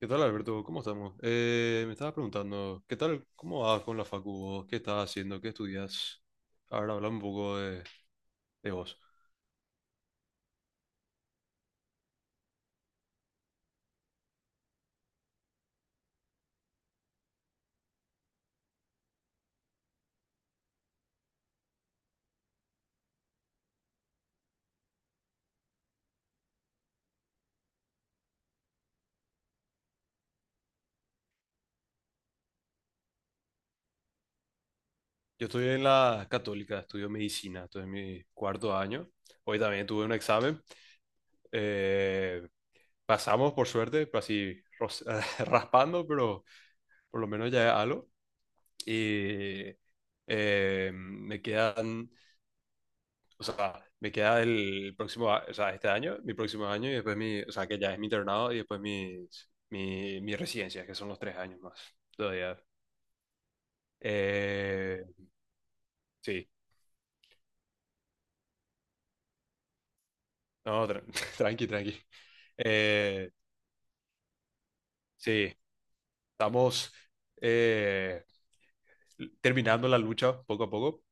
¿Qué tal, Alberto? ¿Cómo estamos? Me estaba preguntando, ¿qué tal? ¿Cómo vas con la facu vos? ¿Qué estás haciendo? ¿Qué estudias? Ahora hablamos un poco de vos. Yo estoy en la Católica, estudio medicina, estoy en mi cuarto año. Hoy también tuve un examen. Eh, Pasamos, por suerte, pero así raspando, pero por lo menos ya es algo. Y Me quedan, o sea, me queda el próximo, o sea, este año, mi próximo año y después o sea, que ya es mi internado y después mi residencia, que son los tres años más todavía. Eh, sí, no, tranqui, tranqui. Eh, sí, estamos eh, terminando la lucha poco a poco.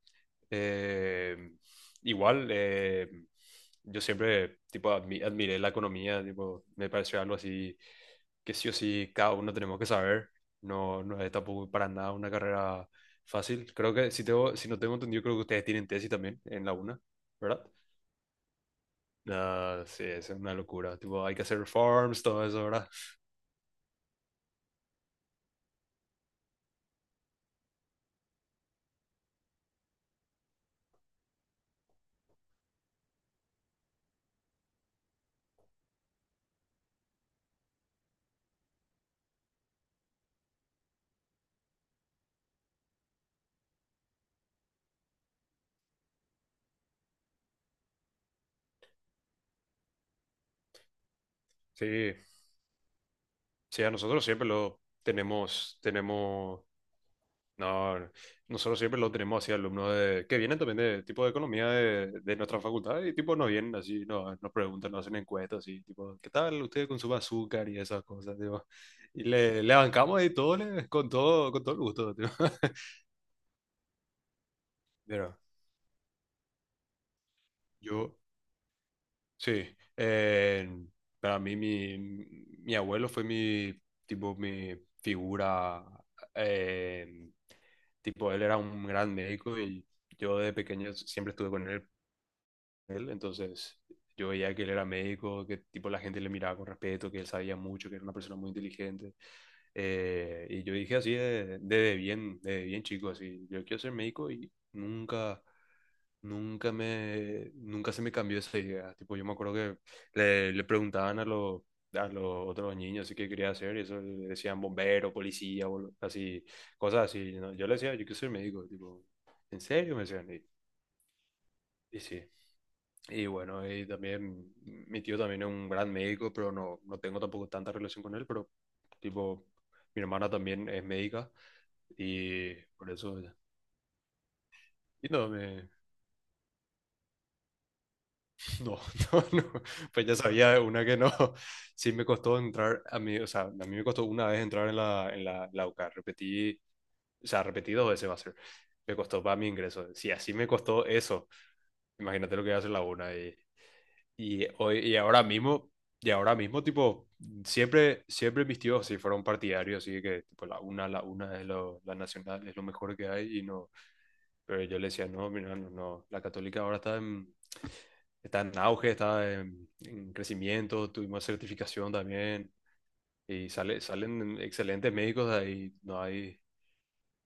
Eh, igual, yo siempre tipo, admiré la economía, tipo, me pareció algo así que sí o sí cada uno tenemos que saber. No, no es tampoco para nada una carrera fácil. Creo que, si, tengo, si no tengo entendido, creo que ustedes tienen tesis también en la UNA, ¿verdad? Ah, sí, es una locura. Tipo, hay que hacer reforms, todo eso, ¿verdad? Sí, sí, a nosotros siempre lo tenemos, tenemos. No, no. Nosotros siempre lo tenemos así, alumnos de, que vienen también de tipo de economía de nuestra facultad y tipo nos vienen así, no nos preguntan, nos hacen encuestas así, tipo, ¿qué tal usted con su azúcar y esas cosas? ¿Tipo? Y le bancamos y todo, con todo, con todo el gusto. Tipo. Pero yo, sí, para mí mi, mi abuelo fue mi, tipo, mi figura, eh, tipo, él era un gran médico y yo de pequeño siempre estuve con él. Él, entonces yo veía que él era médico, que tipo la gente le miraba con respeto, que él sabía mucho, que era una persona muy inteligente. Y yo dije así de bien chico, así, yo quiero ser médico y nunca, nunca me, nunca se me cambió esa idea. Tipo, yo me acuerdo que le preguntaban a los otros niños así qué quería hacer y eso le decían bombero, policía, así, cosas así, ¿no? Yo le decía, yo quiero ser médico, tipo, ¿en serio? Me decían, y sí, y bueno, y también mi tío también es un gran médico, pero no, no tengo tampoco tanta relación con él, pero tipo, mi hermana también es médica y por eso... Y no, me, no, no, no, pues ya sabía una que no. Sí me costó entrar, a mí, o sea, a mí me costó una vez entrar en la, en la, en la UCA, repetí, o sea, repetí dos veces va a ser, me costó para mi ingreso, si así me costó eso, imagínate lo que va a hacer la una. Y y hoy, y ahora mismo, tipo, siempre, siempre mis tíos sí fueron partidarios, así que tipo la una es lo, la nacional, es lo mejor que hay, y no, pero yo le decía, no, mira, no, no, la católica ahora está en, está en auge, está en crecimiento, tuvimos certificación también, y sale, salen excelentes médicos de ahí, no hay,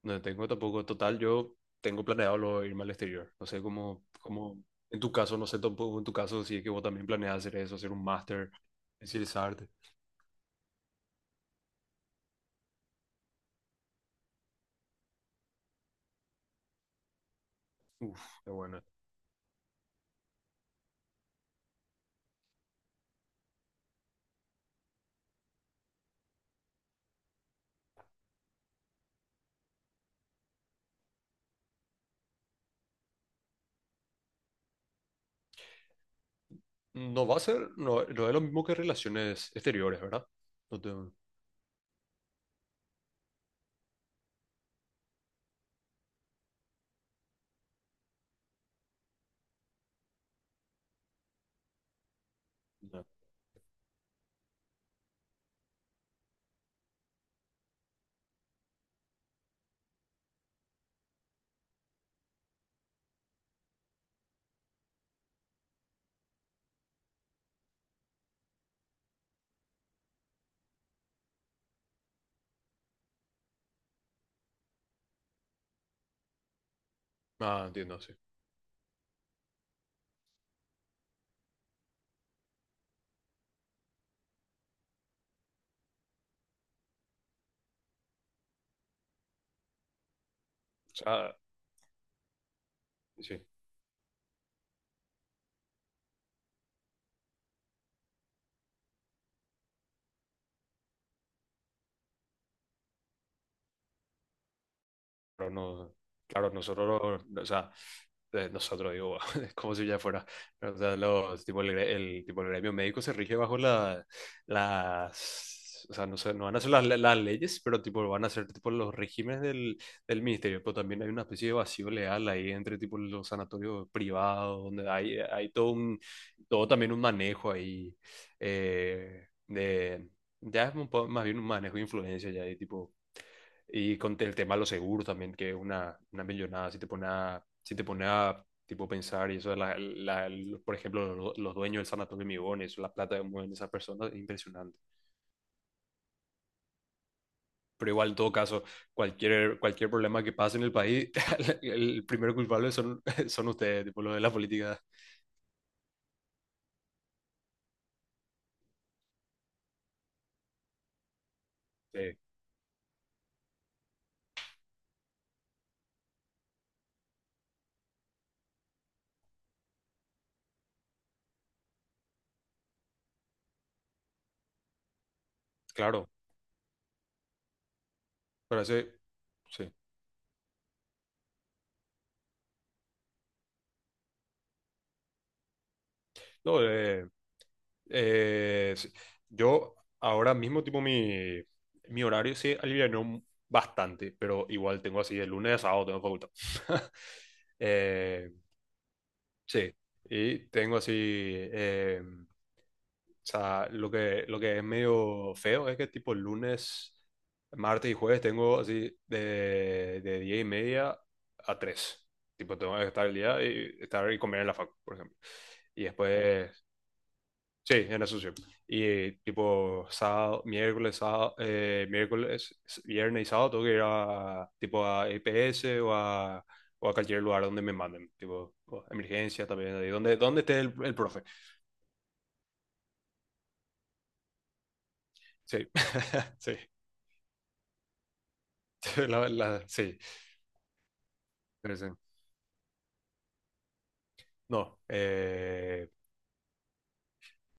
no tengo tampoco. Total, yo tengo planeado irme al exterior. No sé cómo, cómo, en tu caso, no sé tampoco en tu caso si es que vos también planeas hacer eso, hacer un máster, especializarte. Uf, qué bueno. No va a ser, no, no es lo mismo que relaciones exteriores, ¿verdad? No te- no. Ah, entiendo, sí. O sea, sí. Pero no, claro, nosotros, o sea, nosotros digo, es como si ya fuera, o sea, los, tipo, el, tipo, el gremio médico se rige bajo la, las, o sea, no sé, no van a ser las leyes, pero tipo van a ser tipo los regímenes del, del ministerio, pero también hay una especie de vacío legal ahí entre tipo los sanatorios privados, donde hay todo un, todo también un manejo ahí, de, ya es un más bien un manejo de influencia ya, y tipo y con el tema de los seguros también, que es una millonada, si te pone a, si te pone a tipo pensar y eso, de la, por ejemplo, los dueños del sanatorio Migón, eso, la plata que mueven esas personas, es impresionante. Pero igual, en todo caso, cualquier, cualquier problema que pase en el país, el primer culpable son, son ustedes, tipo, lo de la política. Sí, claro, pero eso, sí. No, eh, sí. Yo ahora mismo, tipo, mi horario se alivianó bastante, pero igual tengo así de lunes a sábado tengo facultad. Eh, sí, y tengo así, o sea, lo que es medio feo es que tipo lunes, martes y jueves tengo así de 10 y media a 3. Tipo, tengo que estar el día y estar y comer en la facu, por ejemplo. Y después sí, en eso sí. Y tipo sábado, miércoles, viernes y sábado tengo que ir a tipo a EPS o a cualquier lugar donde me manden, tipo o emergencia también, ahí donde, donde esté el profe. Sí, sí, la, sí, pero sí. No,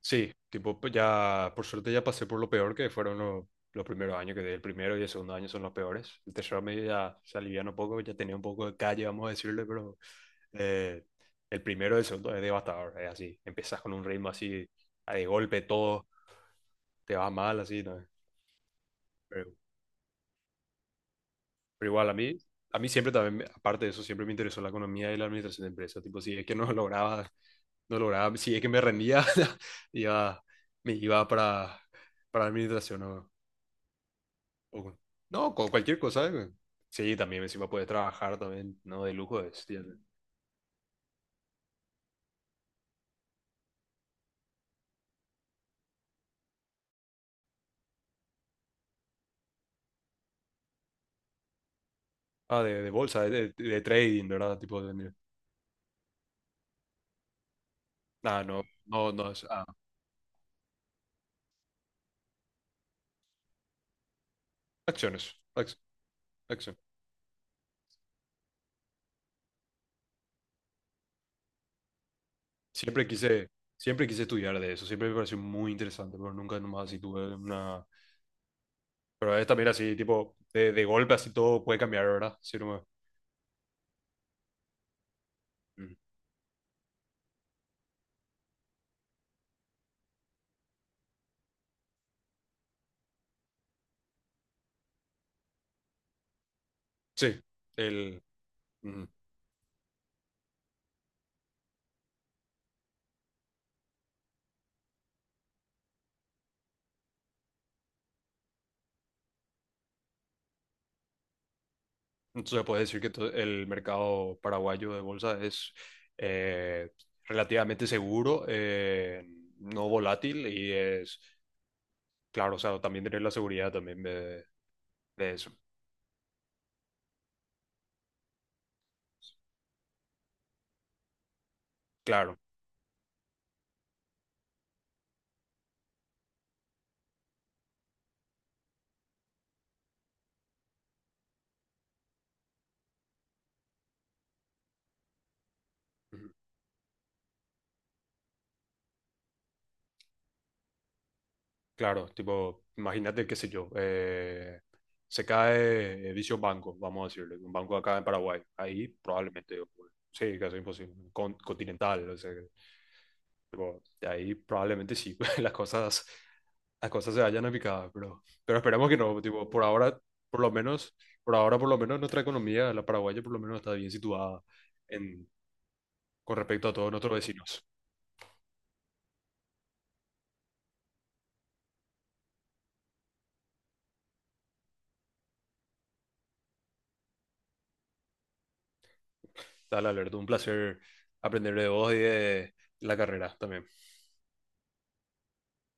sí, tipo pues ya, por suerte ya pasé por lo peor que fueron los primeros años, que el primero y el segundo año son los peores. El tercero medio ya se alivian un poco, ya tenía un poco de calle, vamos a decirle, pero Eh, el primero y el segundo es devastador, es así. Empiezas con un ritmo así, a de golpe todo te va mal, así, ¿no? Pero, pero igual a mí siempre también, aparte de eso, siempre me interesó la economía y la administración de empresas. Tipo, si es que no lograba, no lograba, si es que me rendía, iba, me iba para administración o, o con- no, con cualquier cosa, ¿eh? Sí, también encima puedes trabajar también, no de lujo, es... Ah, de bolsa, de, de trading, ¿verdad? Tipo, de, ah, no, no, no, ah, acciones, acción. Siempre quise, siempre quise estudiar de eso, siempre me pareció muy interesante, pero nunca nomás así tuve una... Pero es también así, tipo, de golpe así todo puede cambiar, ¿verdad? Sí, no mm. Sí, el... mm. Entonces puedes decir que el mercado paraguayo de bolsa es eh, relativamente seguro, no volátil y es, claro, o sea, también tener la seguridad también de eso, claro. Claro, tipo, imagínate, qué sé yo, se cae dicho banco, vamos a decirle, un banco acá en Paraguay, ahí probablemente, ocurre. Sí, casi imposible, continental, o sea, tipo, de ahí probablemente sí, las cosas se vayan a picar, pero esperemos que no, tipo, por ahora, por lo menos, por ahora, por lo menos nuestra economía, la paraguaya, por lo menos está bien situada en, con respecto a todos nuestros vecinos. Dale, Alberto, un placer aprender de vos y de la carrera también.